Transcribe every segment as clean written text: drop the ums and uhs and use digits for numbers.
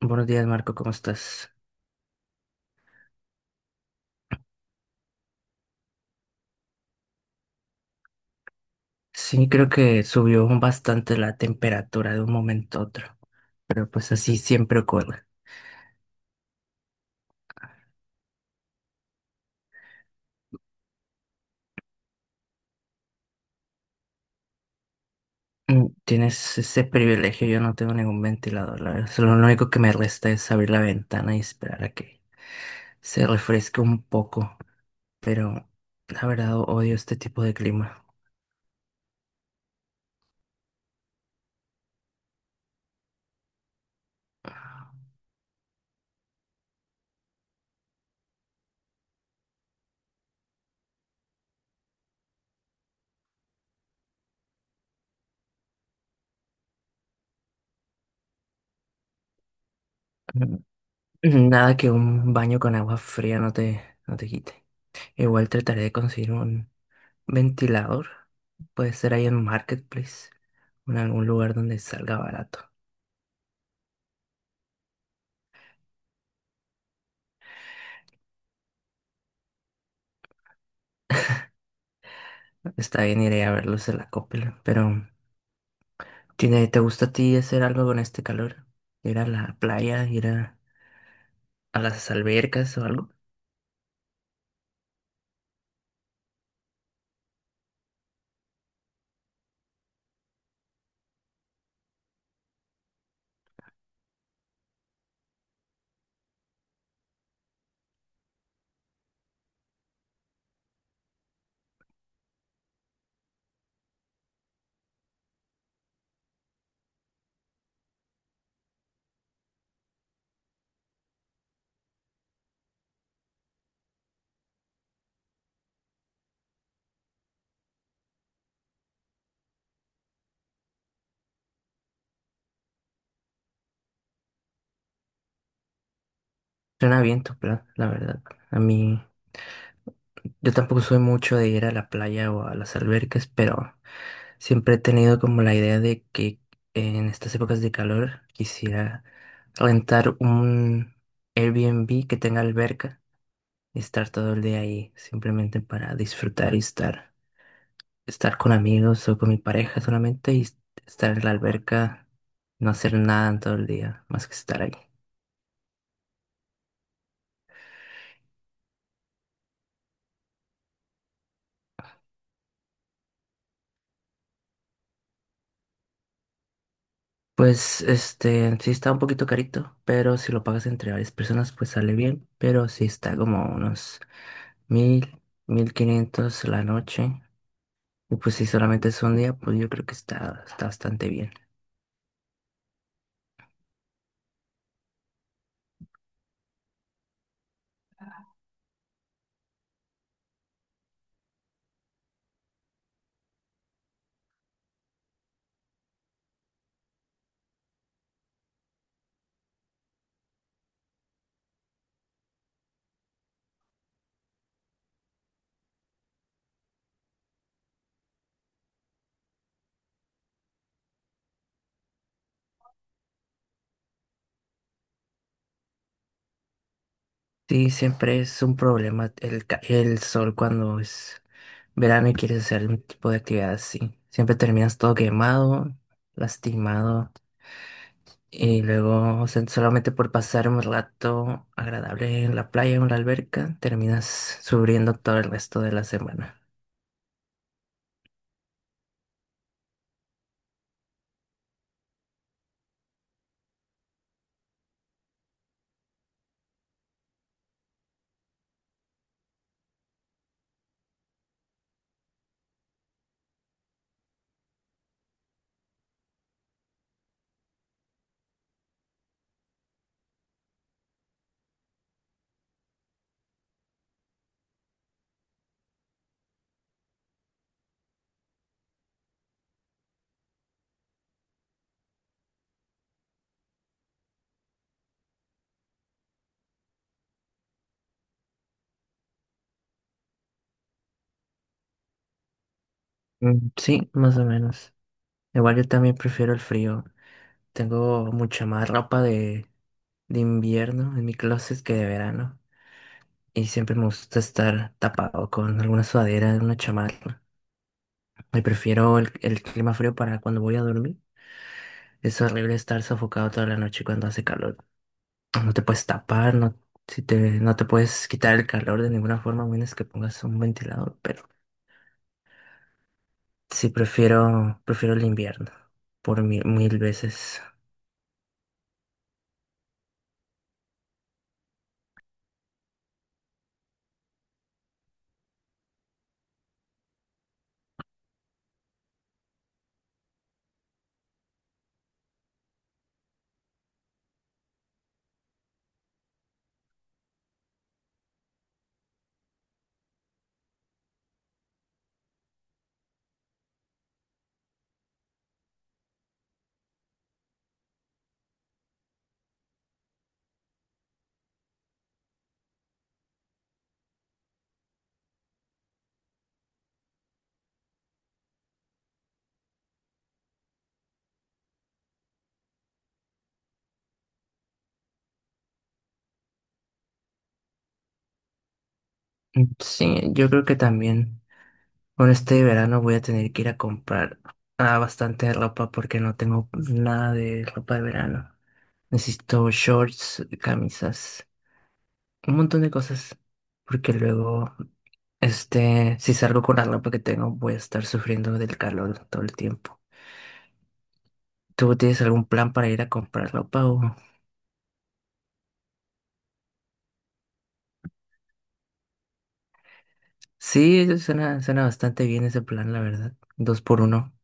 Buenos días, Marco, ¿cómo estás? Sí, creo que subió bastante la temperatura de un momento a otro, pero pues así siempre ocurre. Mm. Tienes ese privilegio, yo no tengo ningún ventilador, la verdad. Solo Lo único que me resta es abrir la ventana y esperar a que se refresque un poco, pero la verdad odio este tipo de clima. Mm. Nada que un baño con agua fría no te quite. Igual trataré de conseguir un ventilador, puede ser ahí en Marketplace, en algún lugar donde salga barato. Está bien, iré a verlos en la Coppel, pero ¿ te gusta a ti hacer algo con este calor? ¿Ir a la playa, ir a las albercas o algo? Suena bien tu plan, la verdad. A mí, yo tampoco soy mucho de ir a la playa o a las albercas, pero siempre he tenido como la idea de que en estas épocas de calor quisiera rentar un Airbnb que tenga alberca y estar todo el día ahí simplemente para disfrutar y estar con amigos o con mi pareja solamente y estar en la alberca, no hacer nada en todo el día, más que estar ahí. Pues sí está un poquito carito, pero si lo pagas entre varias personas, pues sale bien, pero sí está como unos 1000, 1500 la noche. Y pues si solamente es un día, pues yo creo que está bastante bien. Sí, siempre es un problema el sol cuando es verano y quieres hacer un tipo de actividad así. Siempre terminas todo quemado, lastimado y luego, o sea, solamente por pasar un rato agradable en la playa o en la alberca terminas sufriendo todo el resto de la semana. Mm, sí, más o menos. Igual yo también prefiero el frío. Tengo mucha más ropa de invierno en mi closet que de verano. Y siempre me gusta estar tapado con alguna sudadera, una chamarra. Y prefiero el clima frío para cuando voy a dormir. Es horrible estar sofocado toda la noche cuando hace calor. No te puedes tapar, no, no te puedes quitar el calor de ninguna forma, a menos que pongas un ventilador, pero sí prefiero el invierno por mil veces. Mm, sí, yo creo que también con este verano voy a tener que ir a comprar bastante ropa porque no tengo nada de ropa de verano. Necesito shorts, camisas, un montón de cosas, porque luego, si salgo con la ropa que tengo, voy a estar sufriendo del calor todo el tiempo. ¿Tú tienes algún plan para ir a comprar ropa o? Sí, eso suena bastante bien ese plan, la verdad. Dos por uno.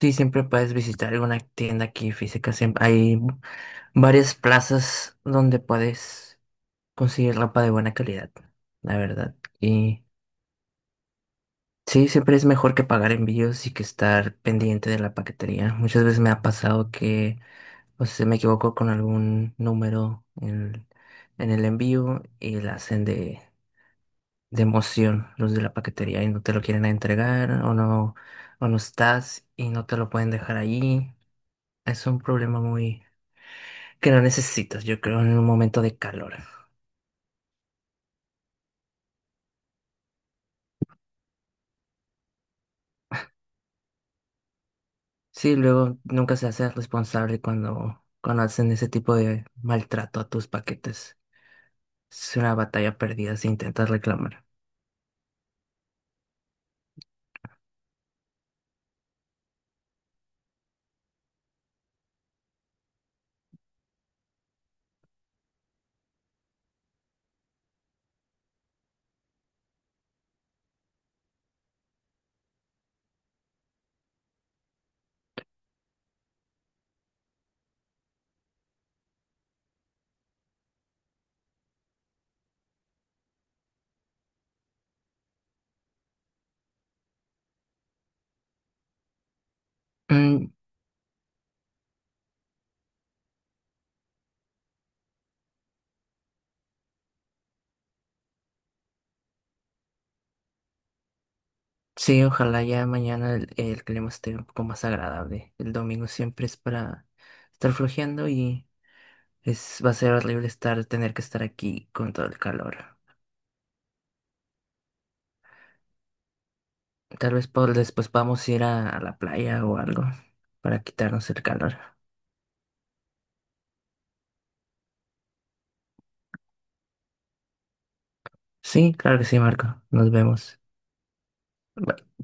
Sí, siempre puedes visitar alguna tienda aquí física. Siempre hay varias plazas donde puedes conseguir ropa de buena calidad, la verdad. Y sí, siempre es mejor que pagar envíos y que estar pendiente de la paquetería. Muchas veces me ha pasado que, o sea, me equivoco con algún número en el envío y la hacen de emoción los de la paquetería y no te lo quieren entregar o no estás y no te lo pueden dejar ahí. Es un problema muy que no necesitas, yo creo, en un momento de calor. Sí, luego nunca se hace responsable cuando hacen ese tipo de maltrato a tus paquetes. Será batalla perdida si intentas reclamar. Mm, sí, ojalá ya mañana el clima esté un poco más agradable. El domingo siempre es para estar flojeando y es, va a ser horrible tener que estar aquí con todo el calor. Tal vez después vamos a ir a la playa o algo para quitarnos el calor. Sí, claro que sí, Marco. Nos vemos.